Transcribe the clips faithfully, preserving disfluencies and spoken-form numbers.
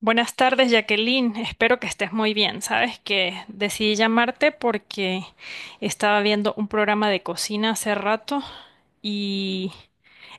Buenas tardes, Jacqueline. Espero que estés muy bien. Sabes que decidí llamarte porque estaba viendo un programa de cocina hace rato y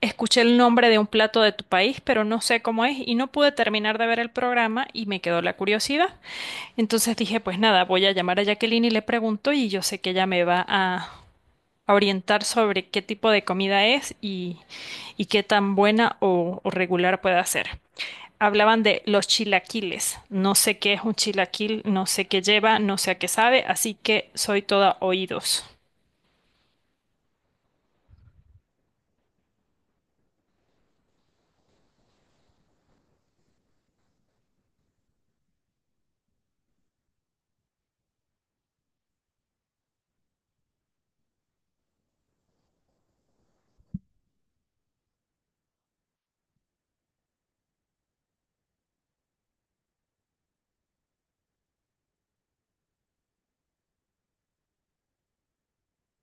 escuché el nombre de un plato de tu país, pero no sé cómo es y no pude terminar de ver el programa y me quedó la curiosidad. Entonces dije, pues nada, voy a llamar a Jacqueline y le pregunto y yo sé que ella me va a a orientar sobre qué tipo de comida es y, y qué tan buena o, o regular puede ser. Hablaban de los chilaquiles. No sé qué es un chilaquil, no sé qué lleva, no sé a qué sabe, así que soy toda oídos.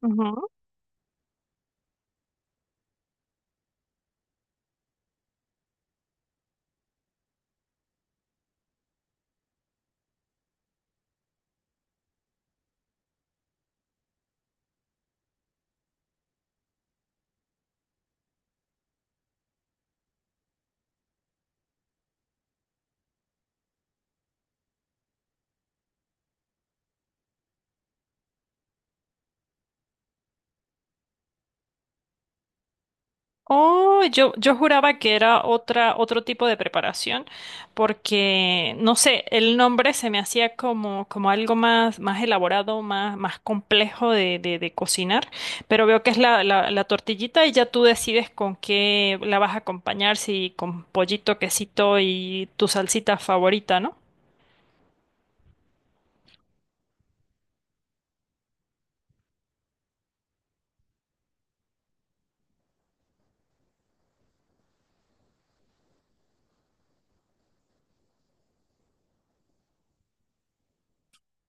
Ujú. Oh, yo, yo juraba que era otra, otro tipo de preparación, porque no sé, el nombre se me hacía como, como algo más, más elaborado, más, más complejo de, de, de cocinar, pero veo que es la, la, la tortillita y ya tú decides con qué la vas a acompañar, si con pollito, quesito y tu salsita favorita, ¿no?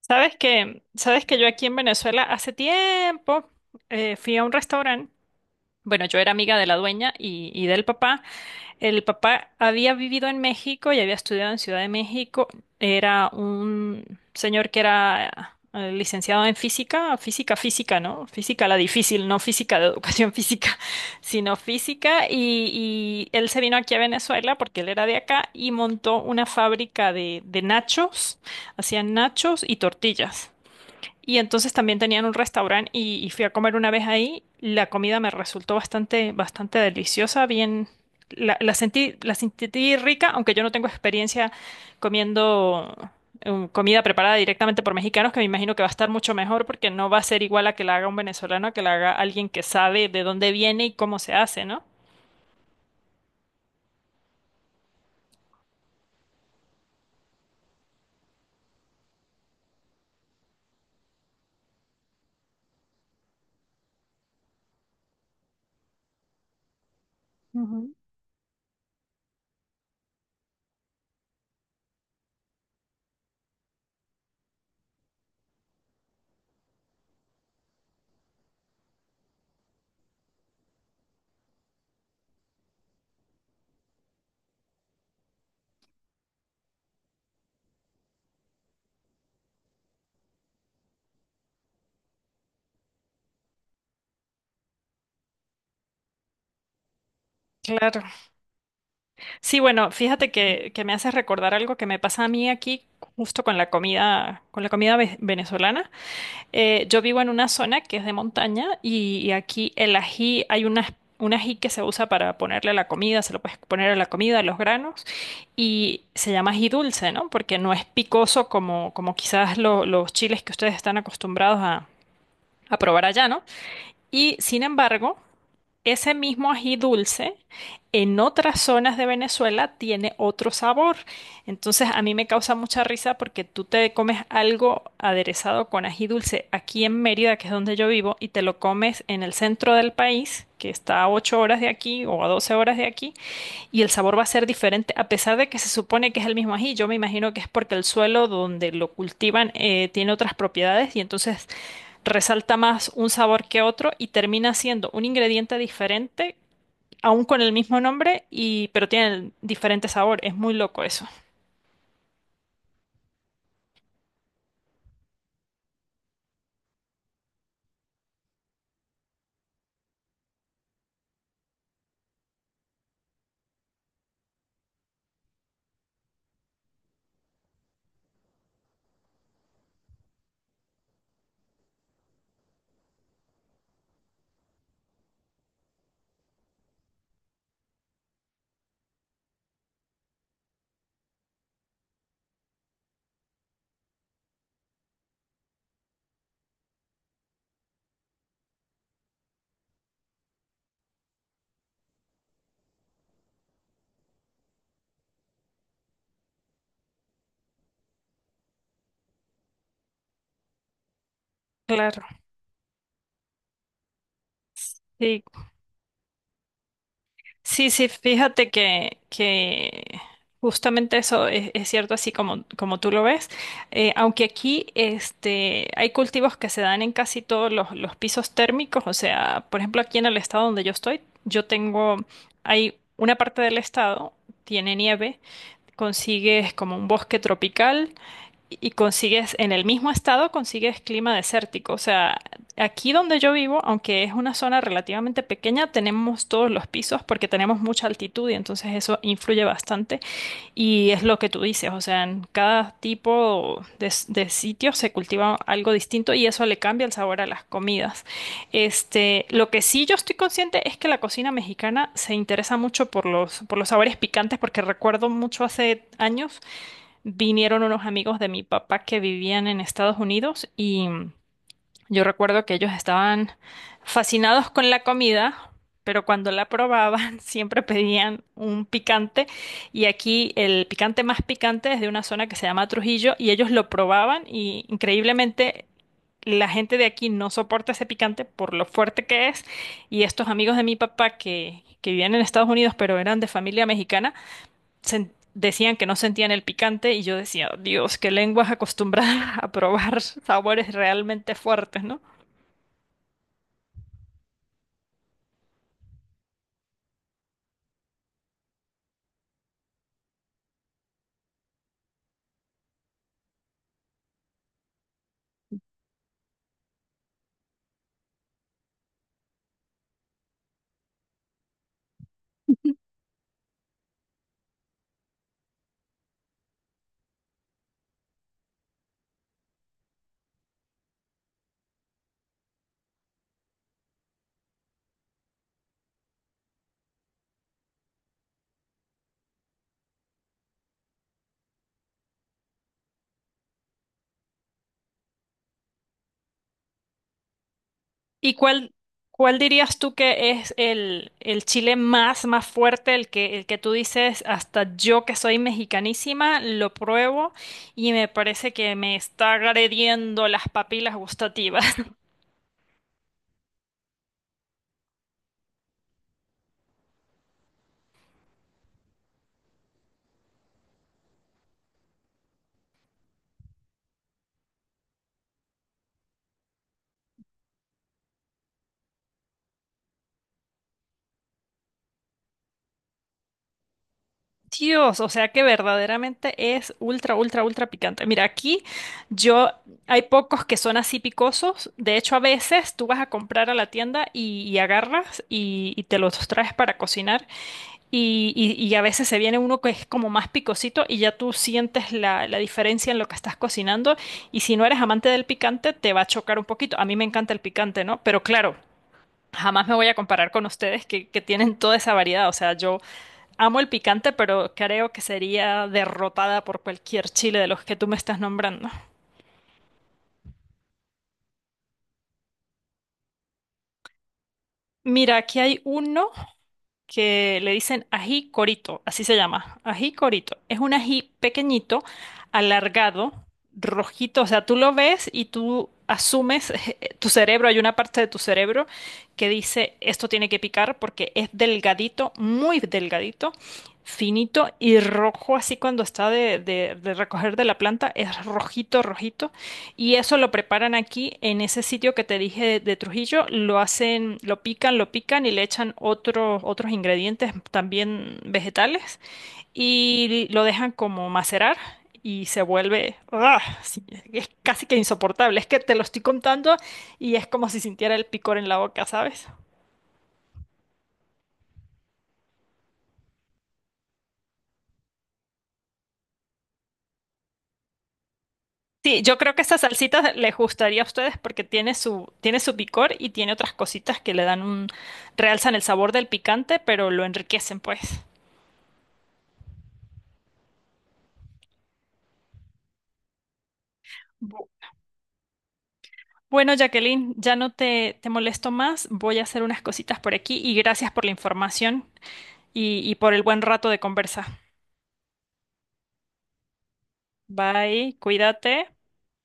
Sabes que, sabes que yo aquí en Venezuela hace tiempo eh, fui a un restaurante. Bueno, yo era amiga de la dueña y, y del papá. El papá había vivido en México y había estudiado en Ciudad de México. Era un señor que era eh, licenciado en física, física, física, ¿no? Física la difícil, no física de educación física, sino física. Y, y él se vino aquí a Venezuela porque él era de acá y montó una fábrica de, de nachos. Hacían nachos y tortillas. Y entonces también tenían un restaurante y, y fui a comer una vez ahí. La comida me resultó bastante, bastante deliciosa, bien, la, la sentí, la sentí rica, aunque yo no tengo experiencia comiendo eh, comida preparada directamente por mexicanos, que me imagino que va a estar mucho mejor porque no va a ser igual a que la haga un venezolano, a que la haga alguien que sabe de dónde viene y cómo se hace, ¿no? Claro. Sí, bueno, fíjate que, que me hace recordar algo que me pasa a mí aquí justo con la comida, con la comida ve- venezolana. Eh, yo vivo en una zona que es de montaña y, y aquí el ají, hay una, un ají que se usa para ponerle a la comida, se lo puedes poner a la comida, a los granos, y se llama ají dulce, ¿no? Porque no es picoso como, como quizás lo- los chiles que ustedes están acostumbrados a, a probar allá, ¿no? Y sin embargo, ese mismo ají dulce en otras zonas de Venezuela tiene otro sabor. Entonces a mí me causa mucha risa porque tú te comes algo aderezado con ají dulce aquí en Mérida, que es donde yo vivo, y te lo comes en el centro del país, que está a ocho horas de aquí o a doce horas de aquí, y el sabor va a ser diferente a pesar de que se supone que es el mismo ají. Yo me imagino que es porque el suelo donde lo cultivan eh, tiene otras propiedades y entonces resalta más un sabor que otro y termina siendo un ingrediente diferente, aún con el mismo nombre, y, pero tienen diferente sabor. Es muy loco eso. Claro. Sí, sí, sí, fíjate que, que justamente eso es, es cierto así como, como tú lo ves. Eh, aunque aquí este, hay cultivos que se dan en casi todos los, los pisos térmicos, o sea, por ejemplo, aquí en el estado donde yo estoy, yo tengo, hay una parte del estado, tiene nieve, consigues como un bosque tropical y consigues en el mismo estado consigues clima desértico. O sea, aquí donde yo vivo, aunque es una zona relativamente pequeña, tenemos todos los pisos porque tenemos mucha altitud y entonces eso influye bastante y es lo que tú dices, o sea, en cada tipo de, s- de sitio se cultiva algo distinto y eso le cambia el sabor a las comidas. Este, lo que sí yo estoy consciente es que la cocina mexicana se interesa mucho por los, por los sabores picantes, porque recuerdo mucho hace años vinieron unos amigos de mi papá que vivían en Estados Unidos y yo recuerdo que ellos estaban fascinados con la comida, pero cuando la probaban siempre pedían un picante y aquí el picante más picante es de una zona que se llama Trujillo y ellos lo probaban y increíblemente la gente de aquí no soporta ese picante por lo fuerte que es y estos amigos de mi papá que, que vivían en Estados Unidos pero eran de familia mexicana sen- decían que no sentían el picante y yo decía, "Oh, Dios, qué lenguas acostumbradas a probar sabores realmente fuertes, ¿no? ¿Y cuál, cuál dirías tú que es el, el chile más, más fuerte, el que, el que tú dices, hasta yo que soy mexicanísima, lo pruebo y me parece que me está agrediendo las papilas gustativas? Dios, o sea que verdaderamente es ultra, ultra, ultra picante. Mira, aquí yo, hay pocos que son así picosos. De hecho, a veces tú vas a comprar a la tienda y, y agarras y y te los traes para cocinar. Y, y- y a veces se viene uno que es como más picosito y ya tú sientes la, la diferencia en lo que estás cocinando. Y si no eres amante del picante, te va a chocar un poquito. A mí me encanta el picante, ¿no? Pero claro, jamás me voy a comparar con ustedes que, que tienen toda esa variedad. O sea, yo amo el picante, pero creo que sería derrotada por cualquier chile de los que tú me estás nombrando. Mira, aquí hay uno. Que le dicen ají corito, así se llama, ají corito. Es un ají pequeñito, alargado, rojito, o sea, tú lo ves y tú asumes, tu cerebro, hay una parte de tu cerebro que dice, esto tiene que picar porque es delgadito, muy delgadito, finito y rojo, así cuando está de, de de recoger de la planta, es rojito, rojito. Y eso lo preparan aquí en ese sitio que te dije de, de Trujillo, lo hacen, lo pican, lo pican y le echan otro- otros ingredientes también vegetales y lo dejan como macerar y se vuelve, ¡ah! Sí, es casi que insoportable. Es que te lo estoy contando y es como si sintiera el picor en la boca, ¿sabes? Sí, yo creo que esta salsita les gustaría a ustedes porque tiene su, tiene su picor y tiene otras cositas que le dan un, realzan el sabor del picante, pero lo enriquecen, pues. Bueno, Jacqueline, ya no te, te molesto más. Voy a hacer unas cositas por aquí y gracias por la información y, y por el buen rato de conversa. Bye, cuídate.